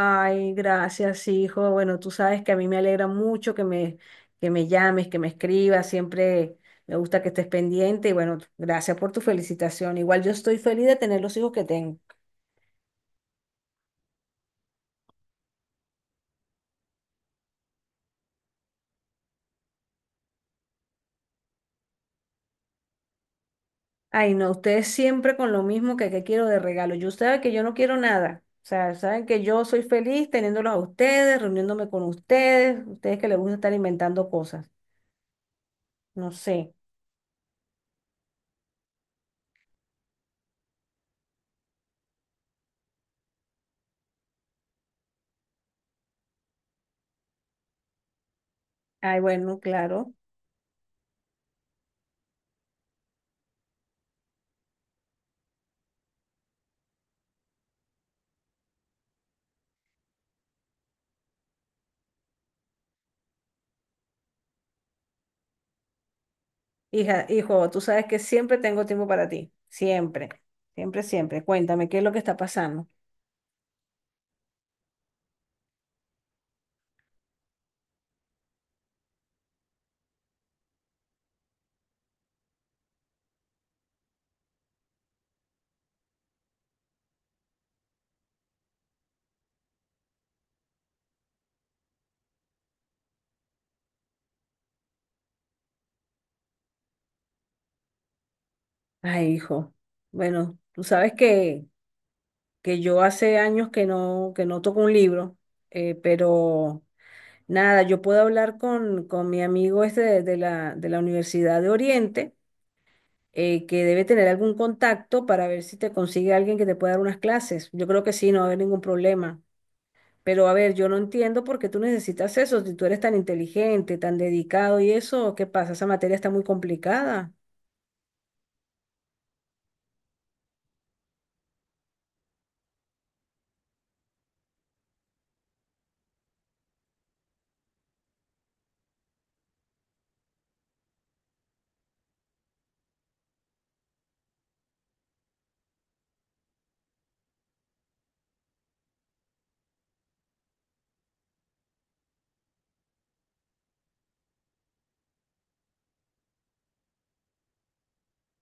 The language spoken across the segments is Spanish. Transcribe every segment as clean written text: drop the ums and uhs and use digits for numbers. Ay, gracias, hijo. Bueno, tú sabes que a mí me alegra mucho que me llames, que me escribas. Siempre me gusta que estés pendiente. Y bueno, gracias por tu felicitación. Igual yo estoy feliz de tener los hijos que tengo. Ay, no, ustedes siempre con lo mismo que quiero de regalo. Yo saben que yo no quiero nada. O sea, saben que yo soy feliz teniéndolos a ustedes, reuniéndome con ustedes, ustedes que les gusta estar inventando cosas. No sé. Ay, bueno, claro. Hija, hijo, tú sabes que siempre tengo tiempo para ti. Siempre, siempre, siempre. Cuéntame, ¿qué es lo que está pasando? Ay, hijo. Bueno, tú sabes que yo hace años que no toco un libro, pero nada, yo puedo hablar con mi amigo este de la Universidad de Oriente, que debe tener algún contacto para ver si te consigue alguien que te pueda dar unas clases. Yo creo que sí, no va a haber ningún problema. Pero a ver, yo no entiendo por qué tú necesitas eso, si tú eres tan inteligente, tan dedicado y eso, ¿qué pasa? Esa materia está muy complicada.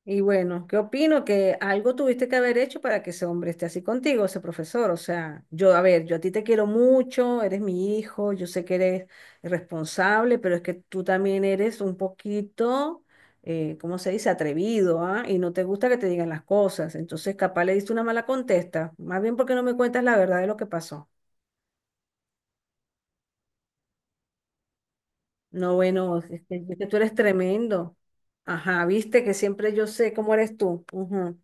Y bueno, ¿qué opino? Que algo tuviste que haber hecho para que ese hombre esté así contigo, ese profesor. O sea, yo, a ver, yo a ti te quiero mucho, eres mi hijo, yo sé que eres responsable, pero es que tú también eres un poquito, ¿cómo se dice? Atrevido, ¿ah? Y no te gusta que te digan las cosas. Entonces, capaz le diste una mala contesta. Más bien porque no me cuentas la verdad de lo que pasó. No, bueno, es que tú eres tremendo. Ajá, viste que siempre yo sé cómo eres tú. Ujú.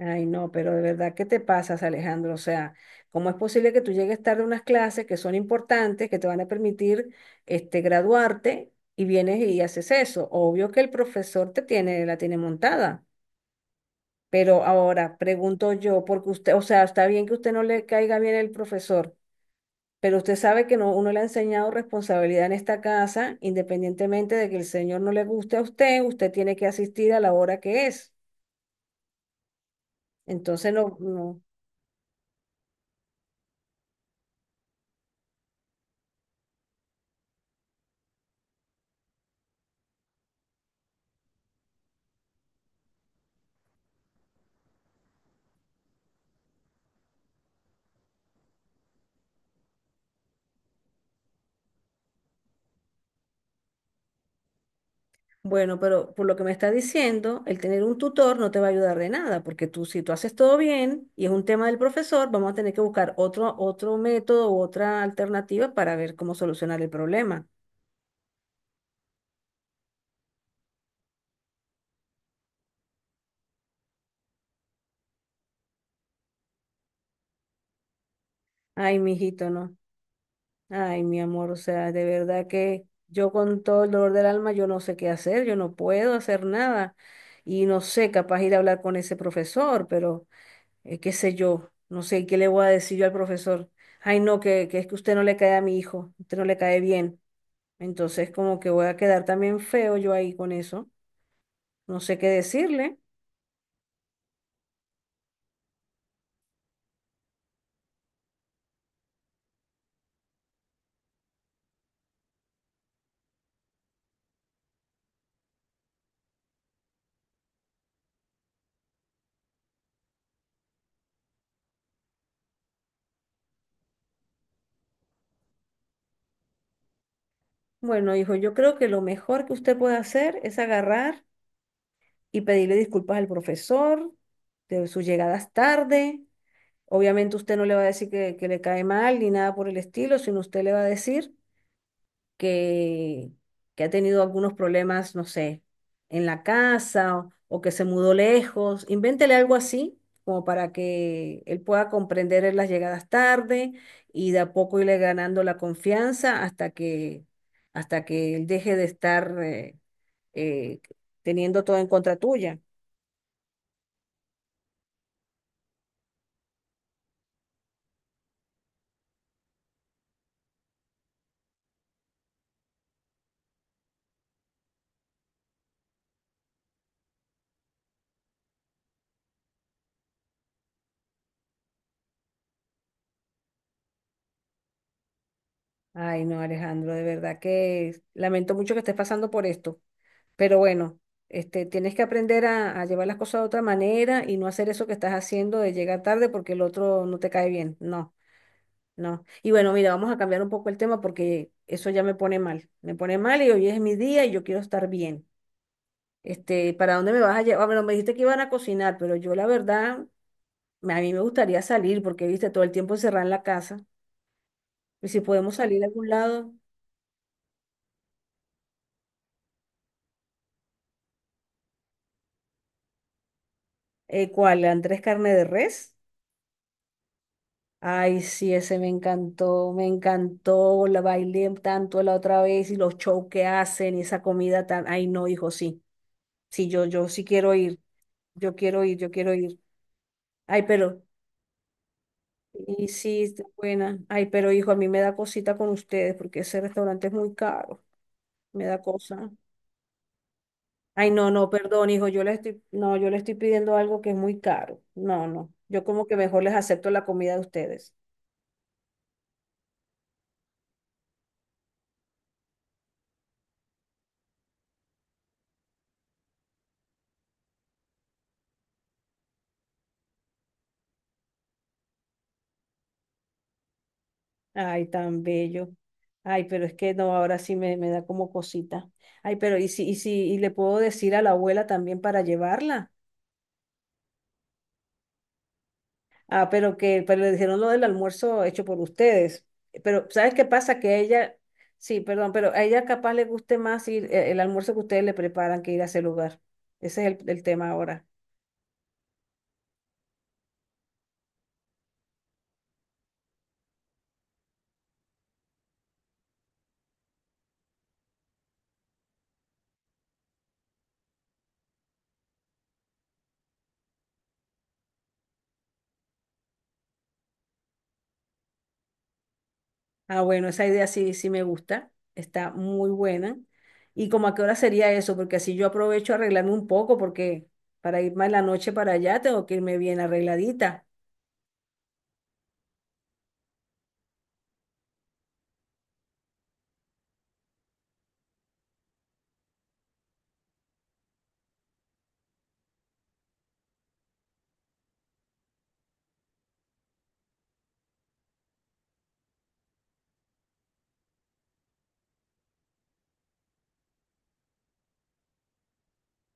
Ay, no, pero de verdad, ¿qué te pasas, Alejandro? O sea, ¿cómo es posible que tú llegues tarde a unas clases que son importantes, que te van a permitir este, graduarte y vienes y haces eso? Obvio que el profesor te tiene, la tiene montada. Pero ahora, pregunto yo, porque usted, o sea, está bien que usted no le caiga bien el profesor. Pero usted sabe que no, uno le ha enseñado responsabilidad en esta casa, independientemente de que el señor no le guste a usted, usted tiene que asistir a la hora que es. Entonces, no, no. Bueno, pero por lo que me está diciendo, el tener un tutor no te va a ayudar de nada, porque tú, si tú haces todo bien y es un tema del profesor, vamos a tener que buscar otro, otro método u otra alternativa para ver cómo solucionar el problema. Ay, mijito, no. Ay, mi amor, o sea, de verdad que yo con todo el dolor del alma, yo no sé qué hacer, yo no puedo hacer nada y no sé, capaz ir a hablar con ese profesor, pero qué sé yo, no sé qué le voy a decir yo al profesor. Ay, no, que es que usted no le cae a mi hijo, usted no le cae bien. Entonces, como que voy a quedar también feo yo ahí con eso, no sé qué decirle. Bueno, hijo, yo creo que lo mejor que usted puede hacer es agarrar y pedirle disculpas al profesor de sus llegadas tarde. Obviamente usted no le va a decir que le cae mal ni nada por el estilo, sino usted le va a decir que, que ha tenido algunos problemas, no sé, en la casa o que se mudó lejos. Invéntele algo así, como para que él pueda comprender en las llegadas tarde y de a poco irle ganando la confianza hasta que él deje de estar eh, teniendo todo en contra tuya. Ay, no, Alejandro, de verdad que lamento mucho que estés pasando por esto. Pero bueno, este, tienes que aprender a llevar las cosas de otra manera y no hacer eso que estás haciendo de llegar tarde porque el otro no te cae bien. No, no. Y bueno, mira, vamos a cambiar un poco el tema porque eso ya me pone mal. Me pone mal y hoy es mi día y yo quiero estar bien. Este, ¿para dónde me vas a llevar? Bueno, me dijiste que iban a cocinar, pero yo la verdad, a mí me gustaría salir porque, viste, todo el tiempo encerrada en la casa. Y si podemos salir a algún lado, ¿cuál? ¿Andrés Carne de Res? Ay, sí, ese me encantó, la bailé tanto la otra vez y los shows que hacen y esa comida tan, ay, no, hijo, sí, sí, yo sí quiero ir, yo quiero ir, yo quiero ir. Ay, pero, y sí, está buena. Ay, pero hijo, a mí me da cosita con ustedes porque ese restaurante es muy caro, me da cosa. Ay, no, no, perdón, hijo, yo le estoy, no, yo le estoy pidiendo algo que es muy caro. No, no, yo como que mejor les acepto la comida de ustedes. Ay, tan bello. Ay, pero es que no, ahora sí me da como cosita. Ay, pero y si, y si, y le puedo decir a la abuela también para llevarla. Ah, pero le dijeron lo del almuerzo hecho por ustedes. Pero, ¿sabes qué pasa? Que ella, sí, perdón, pero a ella capaz le guste más ir el almuerzo que ustedes le preparan que ir a ese lugar. Ese es el tema ahora. Ah, bueno, esa idea sí, sí me gusta, está muy buena. ¿Y como a qué hora sería eso? Porque así yo aprovecho a arreglarme un poco, porque para irme en la noche para allá tengo que irme bien arregladita.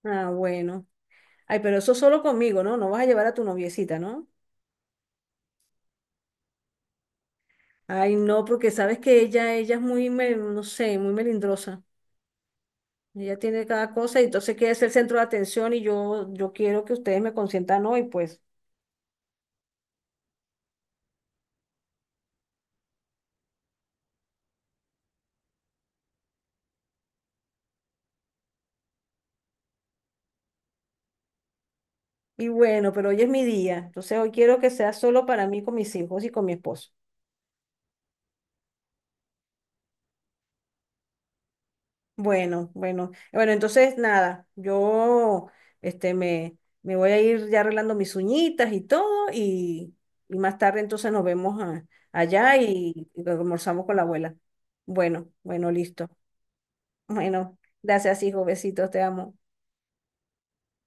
Ah, bueno. Ay, pero eso solo conmigo, ¿no? No vas a llevar a tu noviecita, ¿no? Ay, no, porque sabes que ella es muy, no sé, muy melindrosa. Ella tiene cada cosa y entonces quiere ser el centro de atención y yo quiero que ustedes me consientan hoy, pues. Y bueno, pero hoy es mi día, entonces hoy quiero que sea solo para mí, con mis hijos y con mi esposo. Bueno, bueno, bueno, entonces nada, yo este me voy a ir ya arreglando mis uñitas y todo y, y más tarde entonces allá y almorzamos con la abuela. Bueno, bueno, listo. Bueno, gracias hijo, besitos, te amo.